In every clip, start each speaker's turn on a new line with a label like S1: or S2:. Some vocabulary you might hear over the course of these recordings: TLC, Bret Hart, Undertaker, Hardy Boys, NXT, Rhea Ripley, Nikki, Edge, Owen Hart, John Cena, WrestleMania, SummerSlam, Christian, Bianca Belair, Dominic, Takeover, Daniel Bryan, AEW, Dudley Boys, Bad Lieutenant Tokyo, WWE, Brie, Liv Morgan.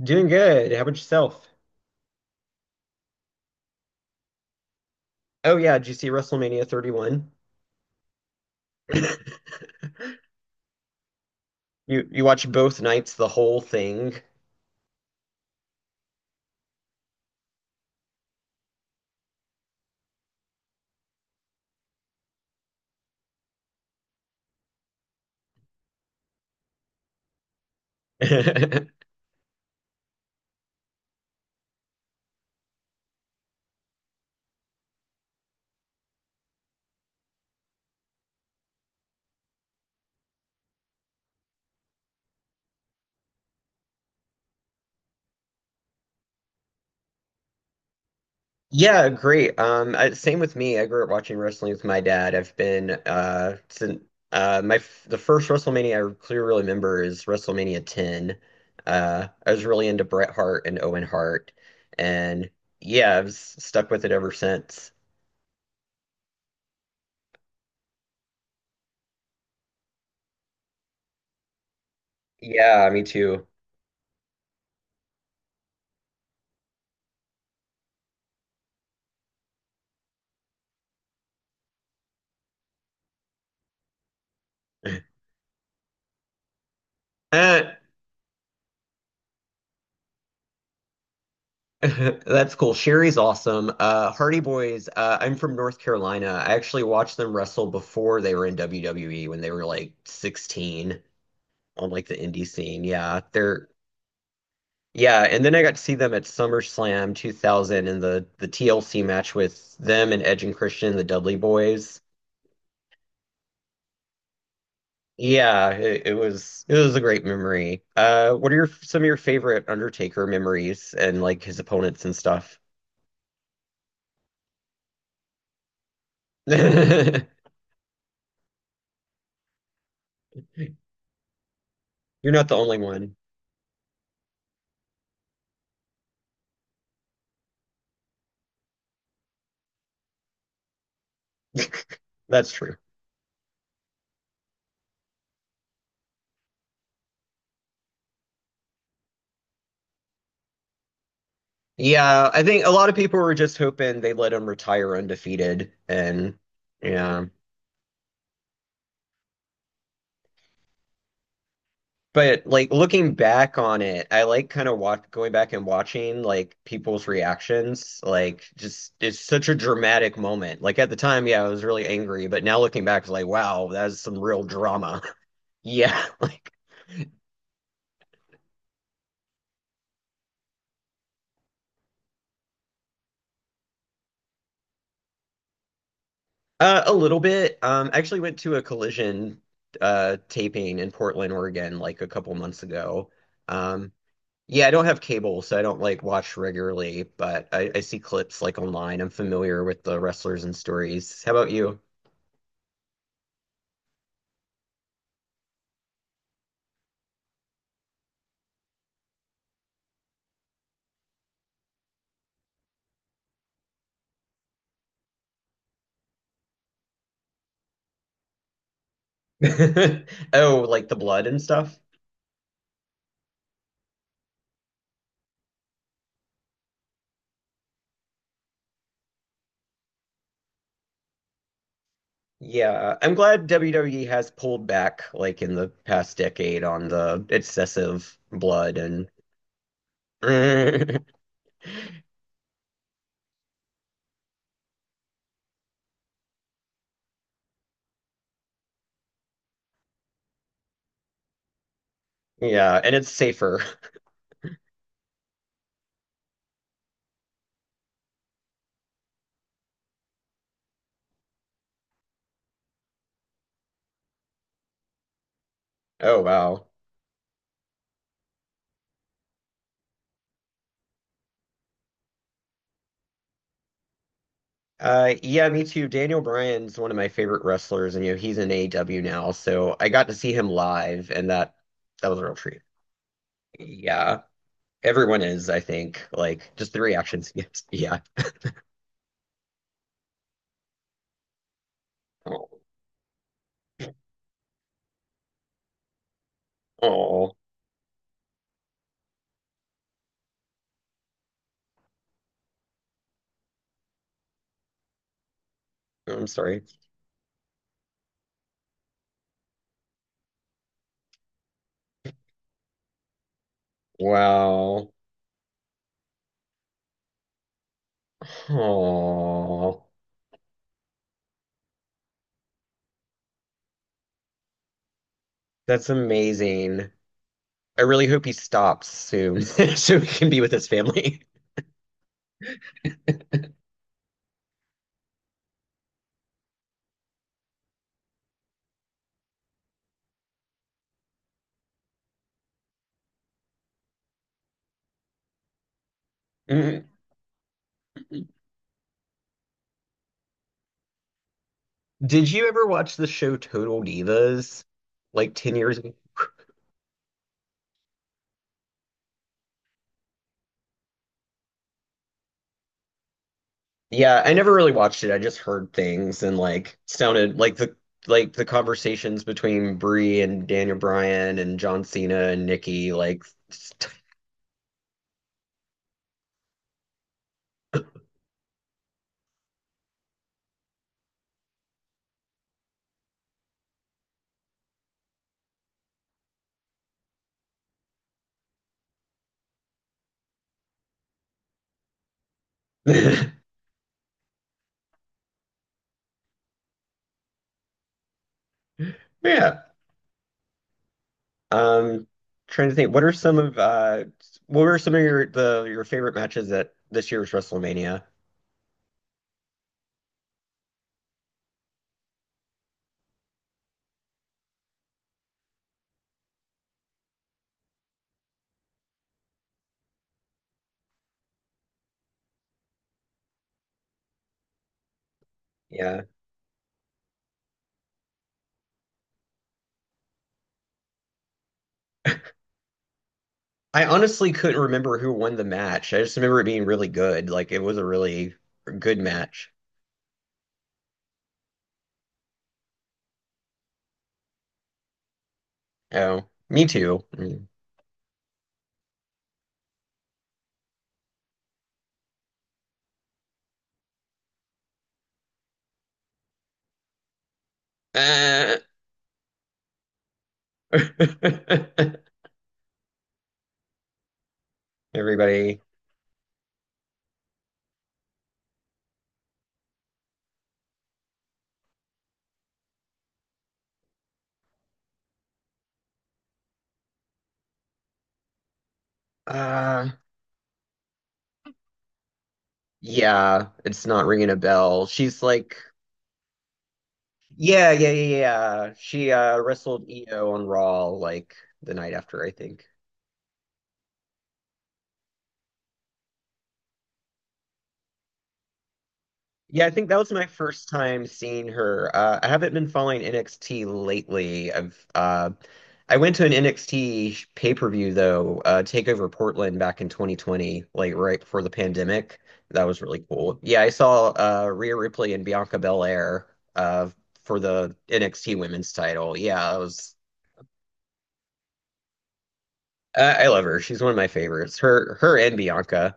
S1: Doing good. How about yourself? Oh yeah, did you see WrestleMania 31? You watched both nights, the whole thing. Yeah, great. Same with me. I grew up watching wrestling with my dad. I've been since the first WrestleMania I clearly remember is WrestleMania 10. I was really into Bret Hart and Owen Hart, and yeah, I've stuck with it ever since. Yeah, me too. Eh, that's cool. Sherry's awesome. Hardy Boys, I'm from North Carolina. I actually watched them wrestle before they were in WWE when they were like 16 on like the indie scene. Yeah, and then I got to see them at SummerSlam 2000 in the TLC match with them and Edge and Christian, the Dudley Boys. Yeah, it was a great memory. What are your some of your favorite Undertaker memories and like his opponents and stuff? You're not the only one. That's true. Yeah, I think a lot of people were just hoping they let him retire undefeated, and yeah. But like looking back on it, I like kind of watch going back and watching like people's reactions. Like just it's such a dramatic moment. Like at the time, yeah, I was really angry, but now looking back, it's like, wow, that is some real drama. Yeah, like a little bit. I actually went to a collision taping in Portland, Oregon, like a couple months ago. Um, Yeah, I don't have cable, so I don't like watch regularly, but I see clips like online. I'm familiar with the wrestlers and stories. How about you? Oh, like the blood and stuff? Yeah, I'm glad WWE has pulled back like in the past decade on the excessive blood and yeah, and it's safer. Oh wow. Yeah, me too. Daniel Bryan's one of my favorite wrestlers, and you know he's in AEW now, so I got to see him live, and that that was a real treat. Yeah. Everyone is, I think. Like, just the reactions. Yes, yeah. Oh, oh, I'm sorry. Wow. Oh, that's amazing. I really hope he stops soon so he can be with his family. Mm. Did you ever watch the show Total Divas like 10 years ago? Yeah, I never really watched it. I just heard things, and like sounded like the conversations between Brie and Daniel Bryan and John Cena and Nikki like yeah. Um, Trying to think, what are some of your favorite matches at this year's WrestleMania? Yeah. I honestly couldn't remember who won the match. I just remember it being really good. Like it was a really good match. Oh, me too. Mm. Uh, everybody. Uh, yeah, it's not ringing a bell. Yeah, yeah, yeah, yeah. She wrestled Io on Raw like the night after, I think. Yeah, I think that was my first time seeing her. I haven't been following NXT lately. I went to an NXT pay-per-view though, Takeover Portland back in 2020, like right before the pandemic. That was really cool. Yeah, I saw Rhea Ripley and Bianca Belair uh, for the NXT Women's title. Yeah, I was. I love her. She's one of my favorites. Her and Bianca.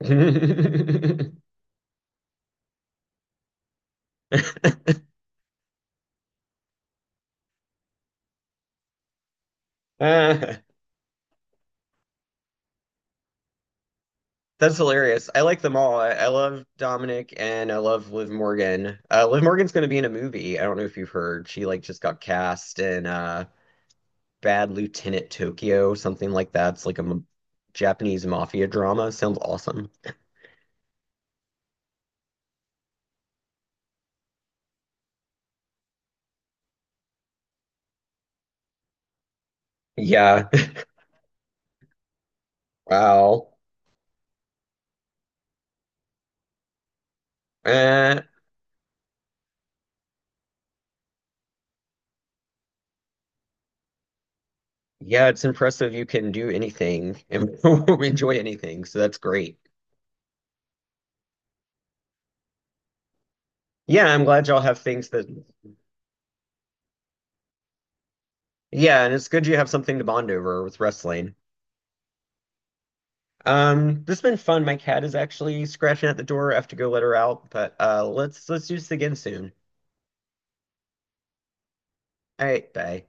S1: Uh, that's hilarious. I like them all. I love Dominic and I love Liv Morgan. Liv Morgan's going to be in a movie. I don't know if you've heard. She like just got cast in Bad Lieutenant Tokyo, something like that. It's like a m- Japanese mafia drama. Sounds awesome. Yeah. Wow. Uh, yeah, it's impressive you can do anything and enjoy anything. So that's great. Yeah, I'm glad y'all have things that. Yeah, and it's good you have something to bond over with wrestling. This has been fun. My cat is actually scratching at the door. I have to go let her out, but let's do this again soon. All right, bye.